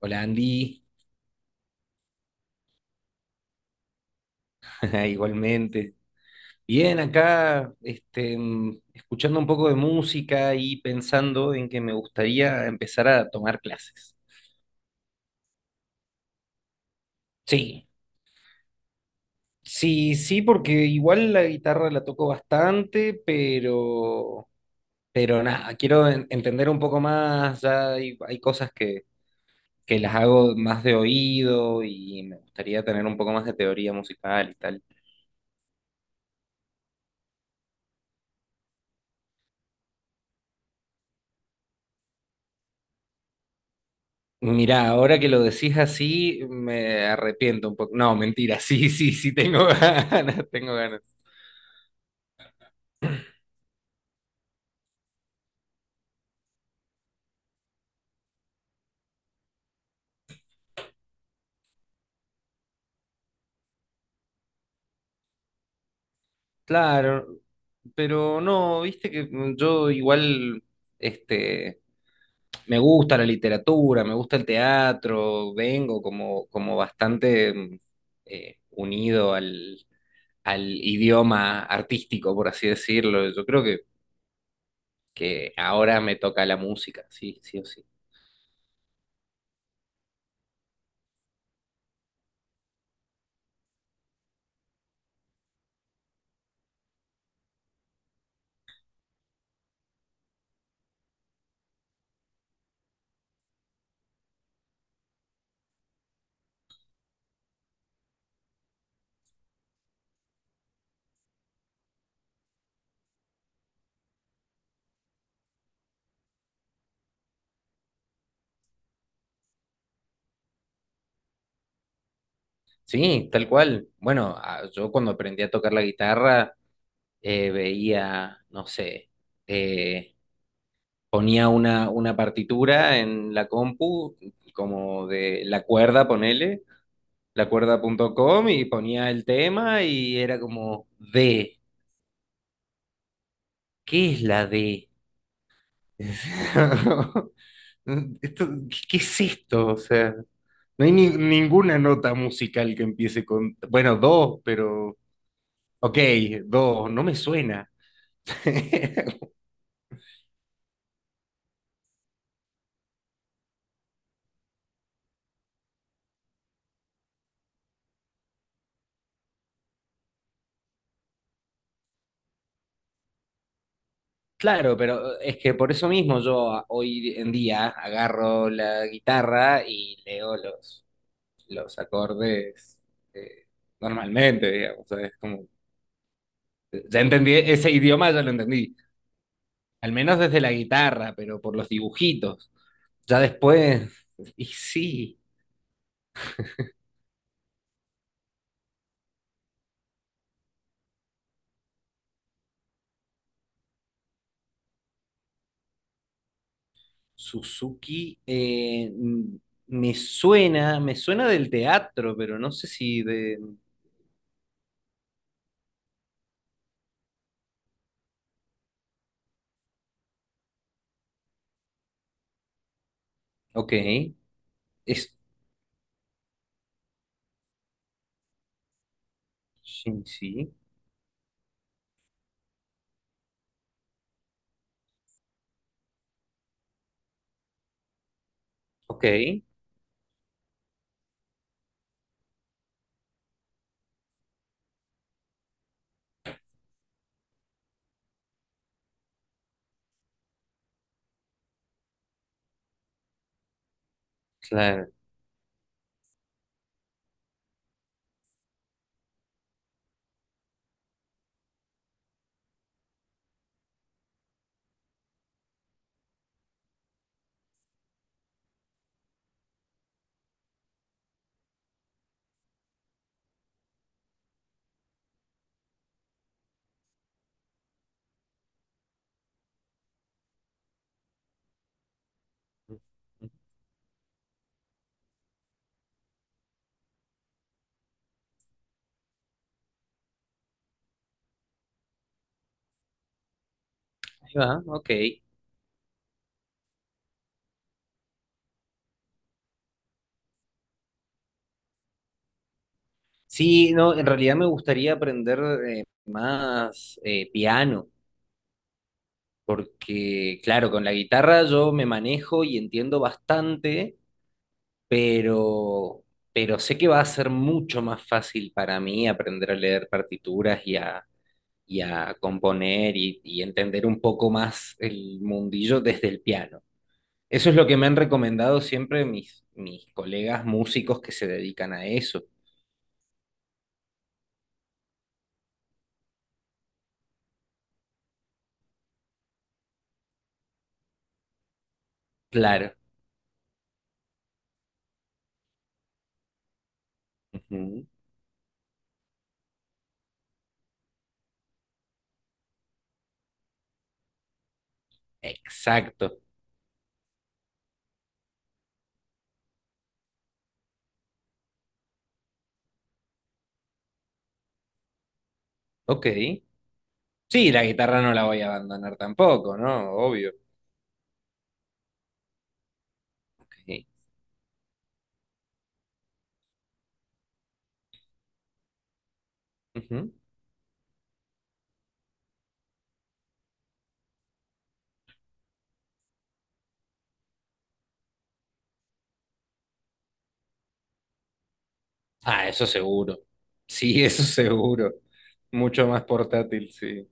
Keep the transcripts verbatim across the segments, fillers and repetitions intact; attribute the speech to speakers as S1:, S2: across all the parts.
S1: Hola Andy, igualmente. Bien, acá este, mm, escuchando un poco de música y pensando en que me gustaría empezar a tomar clases. Sí, sí, sí, porque igual la guitarra la toco bastante, pero, pero nada, quiero en- entender un poco más, ya hay, hay cosas que, que las hago más de oído y me gustaría tener un poco más de teoría musical y tal. Mirá, ahora que lo decís así, me arrepiento un poco. No, mentira, sí, sí, sí, tengo ganas, tengo ganas. Claro, pero no, viste que mm, yo igual, este, me gusta la literatura, me gusta el teatro, vengo como, como bastante mm, eh, unido al, al idioma artístico, por así decirlo. Yo creo que, que ahora me toca la música, sí, sí o sí. Sí, tal cual. Bueno, a- yo cuando aprendí a tocar la guitarra eh, veía, no sé, eh, ponía una, una partitura en la compu, como de la cuerda, ponele, lacuerda punto com y ponía el tema y era como D. ¿Qué es la D? Esto- ¿Qué es esto? O sea, no hay ni- ninguna nota musical que empiece con, bueno, do, pero, ok, do, no me suena. Claro, pero es que por eso mismo yo a- hoy en día agarro la guitarra y leo los, los acordes eh, normalmente, digamos. O sea, es como, ya entendí, ese idioma ya lo entendí, al menos desde la guitarra, pero por los dibujitos. Ya después, y sí, Suzuki eh, m- me suena, me suena del teatro, pero no sé si de... Ok, es... Sí, sí, ok. Claro. Ahí va, ok. Sí, no, en realidad me gustaría aprender eh, más eh, piano, porque claro, con la guitarra yo me manejo y entiendo bastante, pero, pero sé que va a ser mucho más fácil para mí aprender a leer partituras y a, y a componer y, y entender un poco más el mundillo desde el piano. Eso es lo que me han recomendado siempre mis, mis colegas músicos que se dedican a eso. Claro. Ujú. Exacto. Ok. Sí, la guitarra no la voy a abandonar tampoco, ¿no? Obvio. Ok. Ujú. Ah, eso seguro. Sí, eso seguro. Mucho más portátil, sí.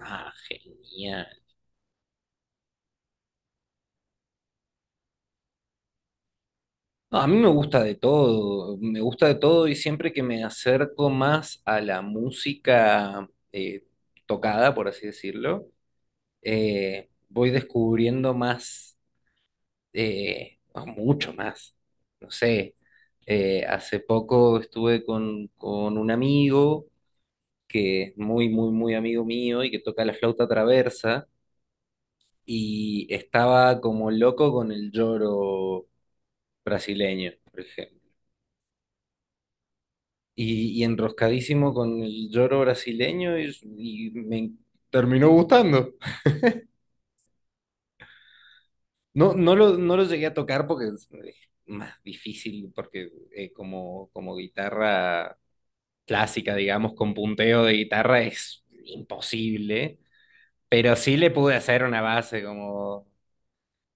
S1: Ah, genial. No, a mí me gusta de todo, me gusta de todo y siempre que me acerco más a la música eh, tocada, por así decirlo, eh, voy descubriendo más eh, o mucho más. No sé, eh, hace poco estuve con, con un amigo que es muy, muy, muy amigo mío y que toca la flauta traversa y estaba como loco con el lloro brasileño, por ejemplo. Y, y enroscadísimo con el lloro brasileño y, y me terminó gustando. No, no lo, no lo llegué a tocar porque es eh, más difícil, porque eh, como, como guitarra clásica, digamos, con punteo de guitarra es imposible, pero sí le pude hacer una base como,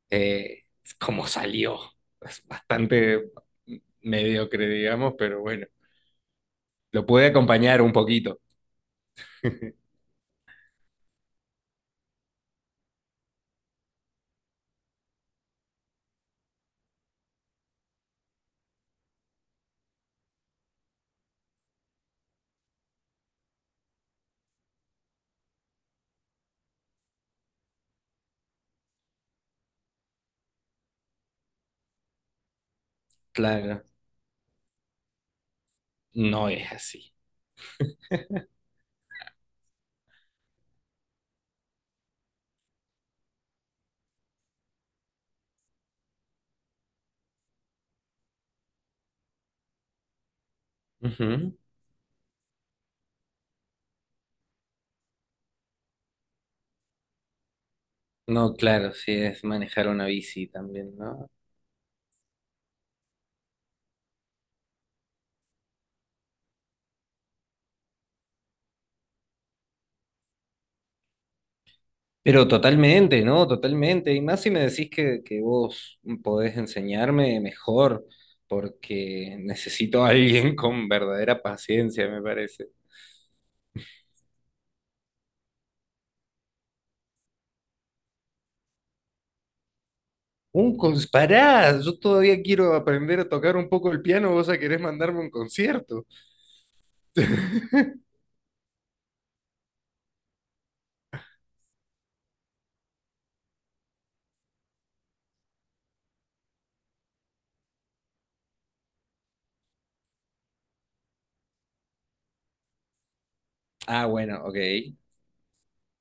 S1: eh, como salió. Es bastante mediocre, digamos, pero bueno, lo pude acompañar un poquito. Claro, no es así. Ujú. No, claro, sí es manejar una bici también, ¿no? Pero totalmente, ¿no? Totalmente. Y más si me decís que, que vos podés enseñarme mejor, porque necesito a alguien con verdadera paciencia, me parece. Un cons Pará, yo todavía quiero aprender a tocar un poco el piano, vos ya querés mandarme un concierto. Ah, bueno, ok.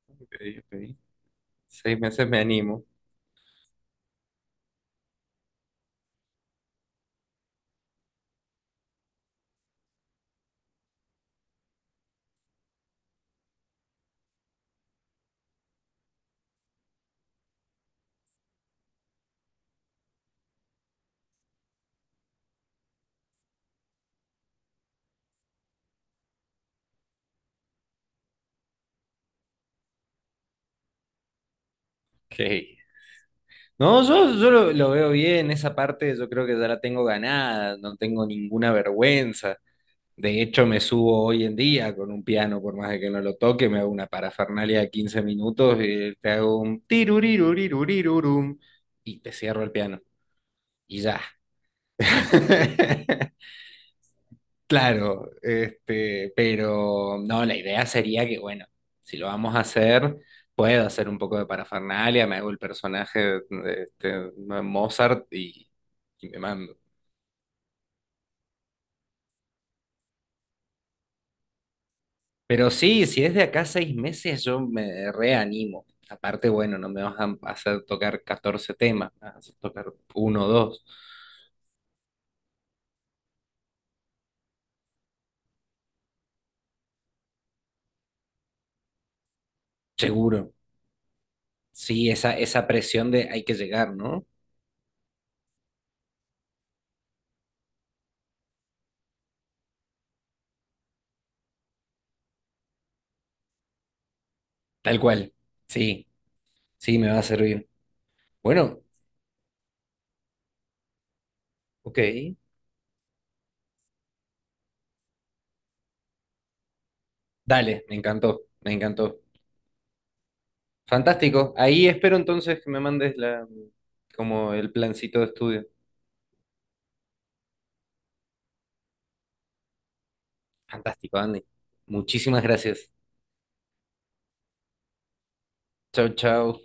S1: Ok, ok. Seis meses me animo. Ok. No, yo, yo lo, lo veo bien, esa parte yo creo que ya la tengo ganada, no tengo ninguna vergüenza. De hecho, me subo hoy en día con un piano, por más de que no lo toque, me hago una parafernalia de quince minutos y te hago un tirurirurirurirurum y te cierro el piano y ya. Claro, este, pero no, la idea sería que, bueno, si lo vamos a hacer, puedo hacer un poco de parafernalia, me hago el personaje de, este, Mozart y, y me mando. Pero sí, si es de acá a seis meses, yo me reanimo. Aparte, bueno, no me vas a hacer tocar catorce temas, me vas a hacer tocar uno o dos, seguro. Sí, esa, esa presión de hay que llegar, ¿no? Tal cual. Sí, sí, me va a servir. Bueno, ok. Dale, me encantó, me encantó. Fantástico. Ahí espero entonces que me mandes la, como el plancito de estudio. Fantástico, Andy. Muchísimas gracias. Chau, chau.